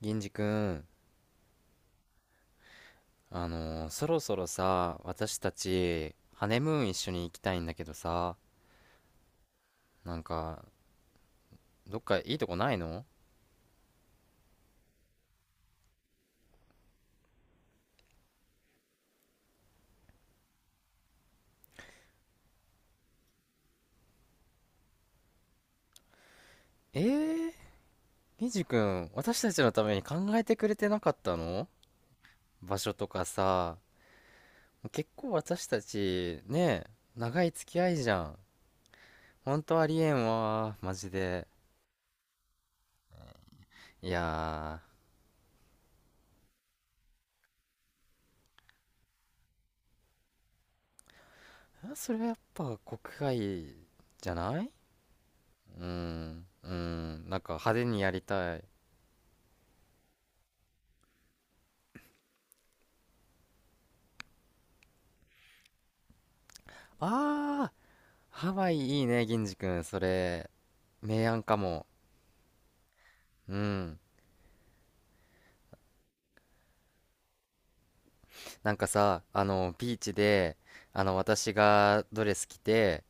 銀次くん、そろそろさ、私たち、ハネムーン一緒に行きたいんだけどさ、なんか、どっかいいとこないの？えー、銀次くん、私たちのために考えてくれてなかったの？場所とかさ、結構私たち、ねえ、長い付き合いじゃん。ほんとありえんわ、マジで。いやー、それはやっぱ国外じゃない？うん、うん、なんか派手にやりたい。ああ、ハワイいいね、銀次くん。それ、明暗かも。うん。なんかさ、ビーチで、私がドレス着て、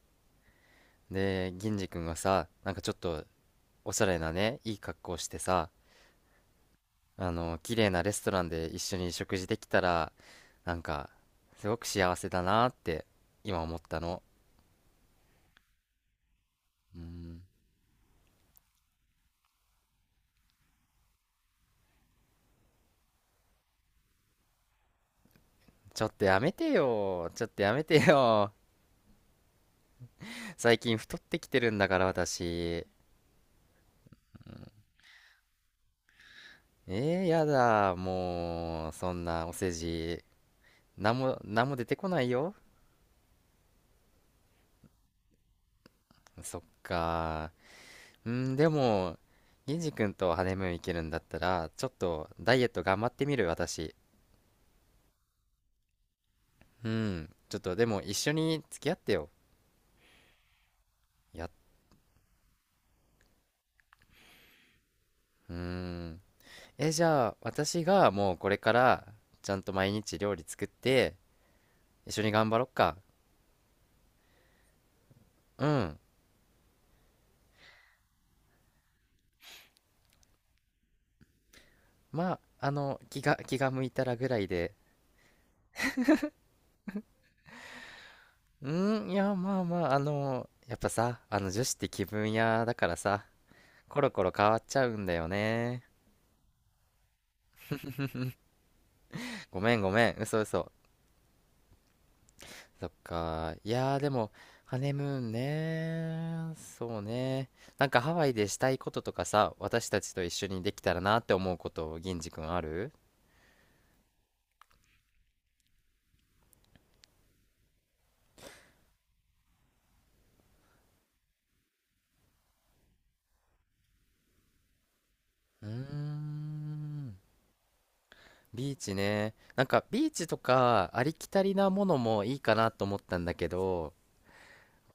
で、銀次くんがさ、なんかちょっと、おしゃれなね、いい格好してさ、綺麗なレストランで一緒に食事できたら、なんか、すごく幸せだなって、今思ったの。うん。ちょっとやめてよ。ちょっとやめてよ。最近太ってきてるんだから、私。やだ、もう、そんなお世辞、なんも出てこないよ。そっか。うん、でも、銀次君とハネムーン行けるんだったら、ちょっとダイエット頑張ってみる、私。うん、ちょっとでも一緒に付き合ってよ。や、うーん。え、じゃあ、私がもうこれから、ちゃんと毎日料理作って、一緒に頑張ろっか。うん。まあ、気が向いたらぐらいで。うーん、いや、まあまあ、やっぱさ、女子って気分屋だからさ、コロコロ変わっちゃうんだよね。ごめんごめん、嘘嘘。そっか、いやーでも、ハネムーンね、そうね。なんかハワイでしたいこととかさ、私たちと一緒にできたらなって思うこと、銀次くんある？うーん、ビーチね。なんかビーチとかありきたりなものもいいかなと思ったんだけど、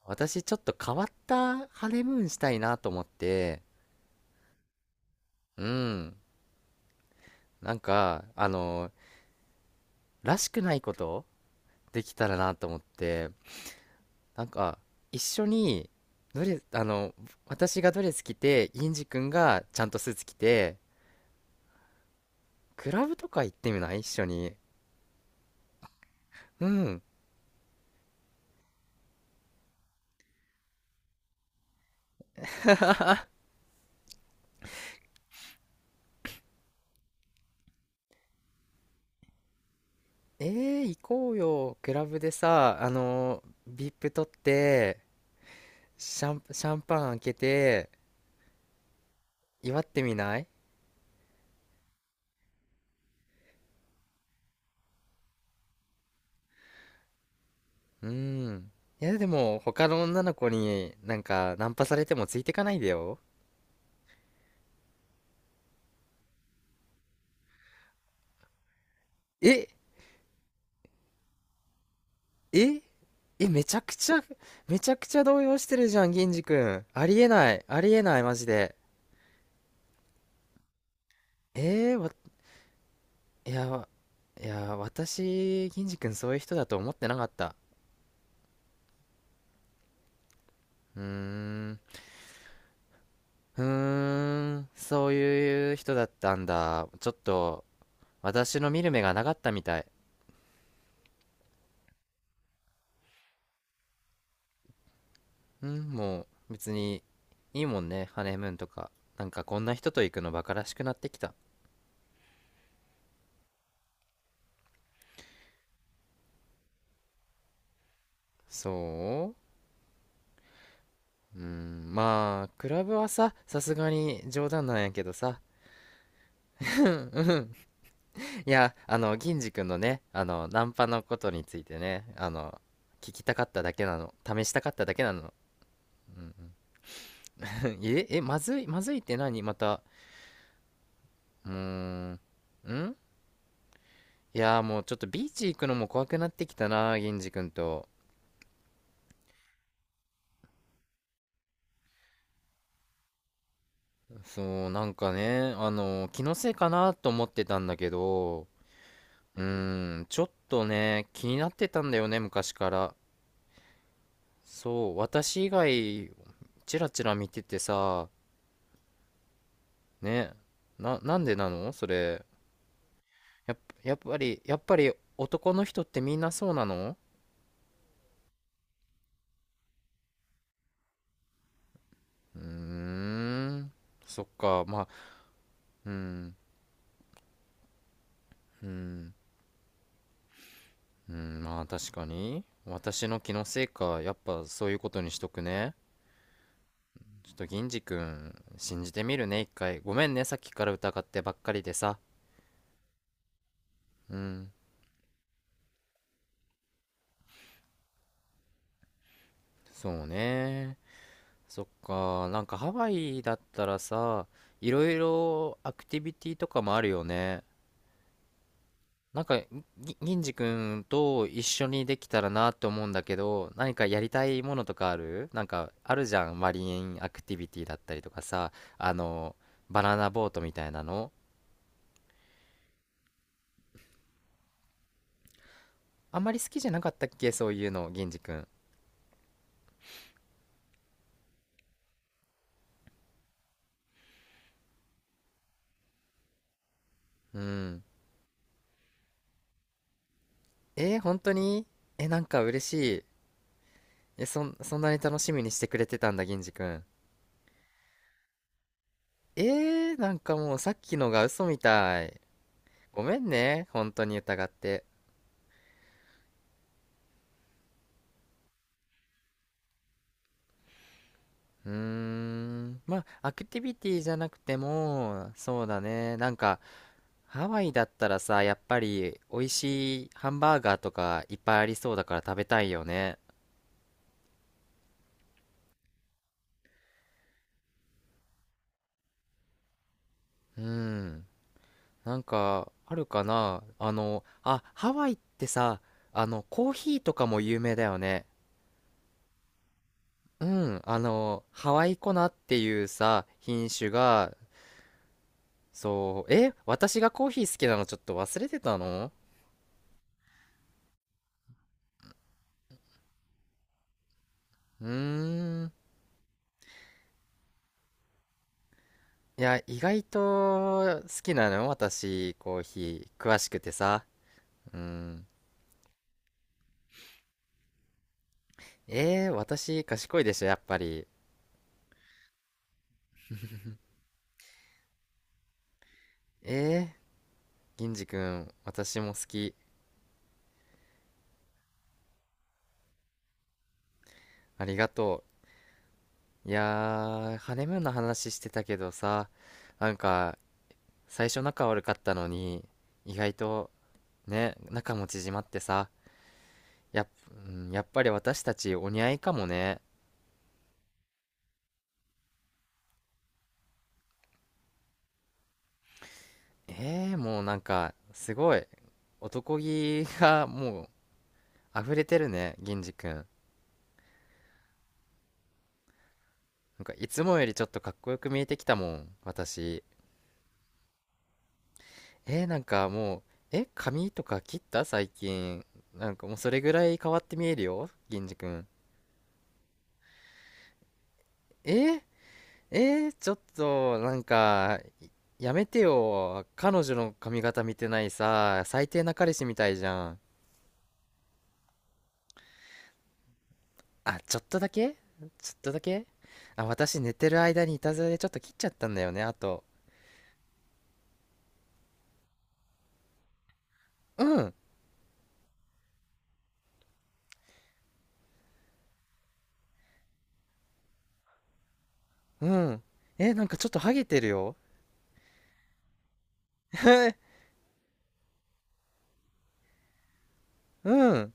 私ちょっと変わったハネムーンしたいなと思って、うん、なんか、らしくないことできたらなと思って、なんか、一緒に、ドレス、私がドレス着て、インジ君がちゃんとスーツ着て、クラブとか行ってみない？一緒に。うん。え行こうよ。クラブでさ、VIP 取って、シャンパン開けて、祝ってみない？うん。いや、でも、他の女の子になんか、ナンパされてもついてかないでよ。えええ、めちゃくちゃ、めちゃくちゃ動揺してるじゃん、銀次くん。ありえない、ありえない、マジで。えー、わ、いや、いや、私、銀次くんそういう人だと思ってなかった。うーん、うーん、そういう人だったんだ。ちょっと、私の見る目がなかったみたい。うん、もう別にいいもんね、ハネムーンとか。なんかこんな人と行くのバカらしくなってきた。そう、うん、まあ、クラブはさ、さすがに冗談なんやけどさ。いや、銀次くんのね、ナンパのことについてね、聞きたかっただけなの。試したかっただけなの。うんうん。 え、え、まずい、まずいって何また。うーん。ん、いやーもうちょっとビーチ行くのも怖くなってきたな、銀次くんと。そう、なんかね、気のせいかなと思ってたんだけど、うーん、ちょっとね、気になってたんだよね、昔から。そう、私以外、チラチラ見ててさ、ね、なんでなのそれ。やっ、やっぱり男の人ってみんなそうなの？うーん、そっか、まあ、うん、うん、うん、まあ確かに。私の気のせいか、やっぱそういうことにしとくね。ちょっと銀次くん信じてみるね、一回ごめんね、さっきから疑ってばっかりでさ。うん、そうね、そっか、なんかハワイだったらさ、いろいろアクティビティとかもあるよね。なんか、銀次くんと一緒にできたらなと思うんだけど、何かやりたいものとかある？なんかあるじゃん、マリンアクティビティだったりとかさ、あのバナナボートみたいなの、あんまり好きじゃなかったっけ、そういうの、銀次くん？うん、えー、本当に？え、なんか嬉しい。え、そんなに楽しみにしてくれてたんだ、銀次くん。えー、なんかもうさっきのが嘘みたい。ごめんね、本当に疑って。うーん、まあ、アクティビティじゃなくても、そうだね、なんか、ハワイだったらさ、やっぱり美味しいハンバーガーとかいっぱいありそうだから食べたいよね。うん、なんか、あるかな、あ、ハワイってさ、コーヒーとかも有名だよね。うん、ハワイコナっていうさ、品種が、そう、え、私がコーヒー好きなのちょっと忘れてたの？うーん。いや、意外と好きなの私、コーヒー、詳しくてさ。うん。えー、私、賢いでしょ、やっぱり。えー、銀次くん、私も好き。ありがとう。いやー、ハネムーンの話してたけどさ、なんか、最初仲悪かったのに、意外とね、仲も縮まってさ、やっ、うん、やっぱり私たちお似合いかもね。えー、もうなんか、すごい。男気がもう溢れてるね、銀次くん。なんかいつもよりちょっとかっこよく見えてきたもん、私。えー、なんかもう、え、髪とか切った最近？なんかもうそれぐらい変わって見えるよ、銀次くん。えー、えちょっと、なんか、やめてよ。彼女の髪型見てないさ、最低な彼氏みたいじゃん。あ、ちょっとだけ、ちょっとだけ、あ、私寝てる間にいたずらでちょっと切っちゃったんだよね、あと。うん、うん。え、なんかちょっとハゲてるよ。うん。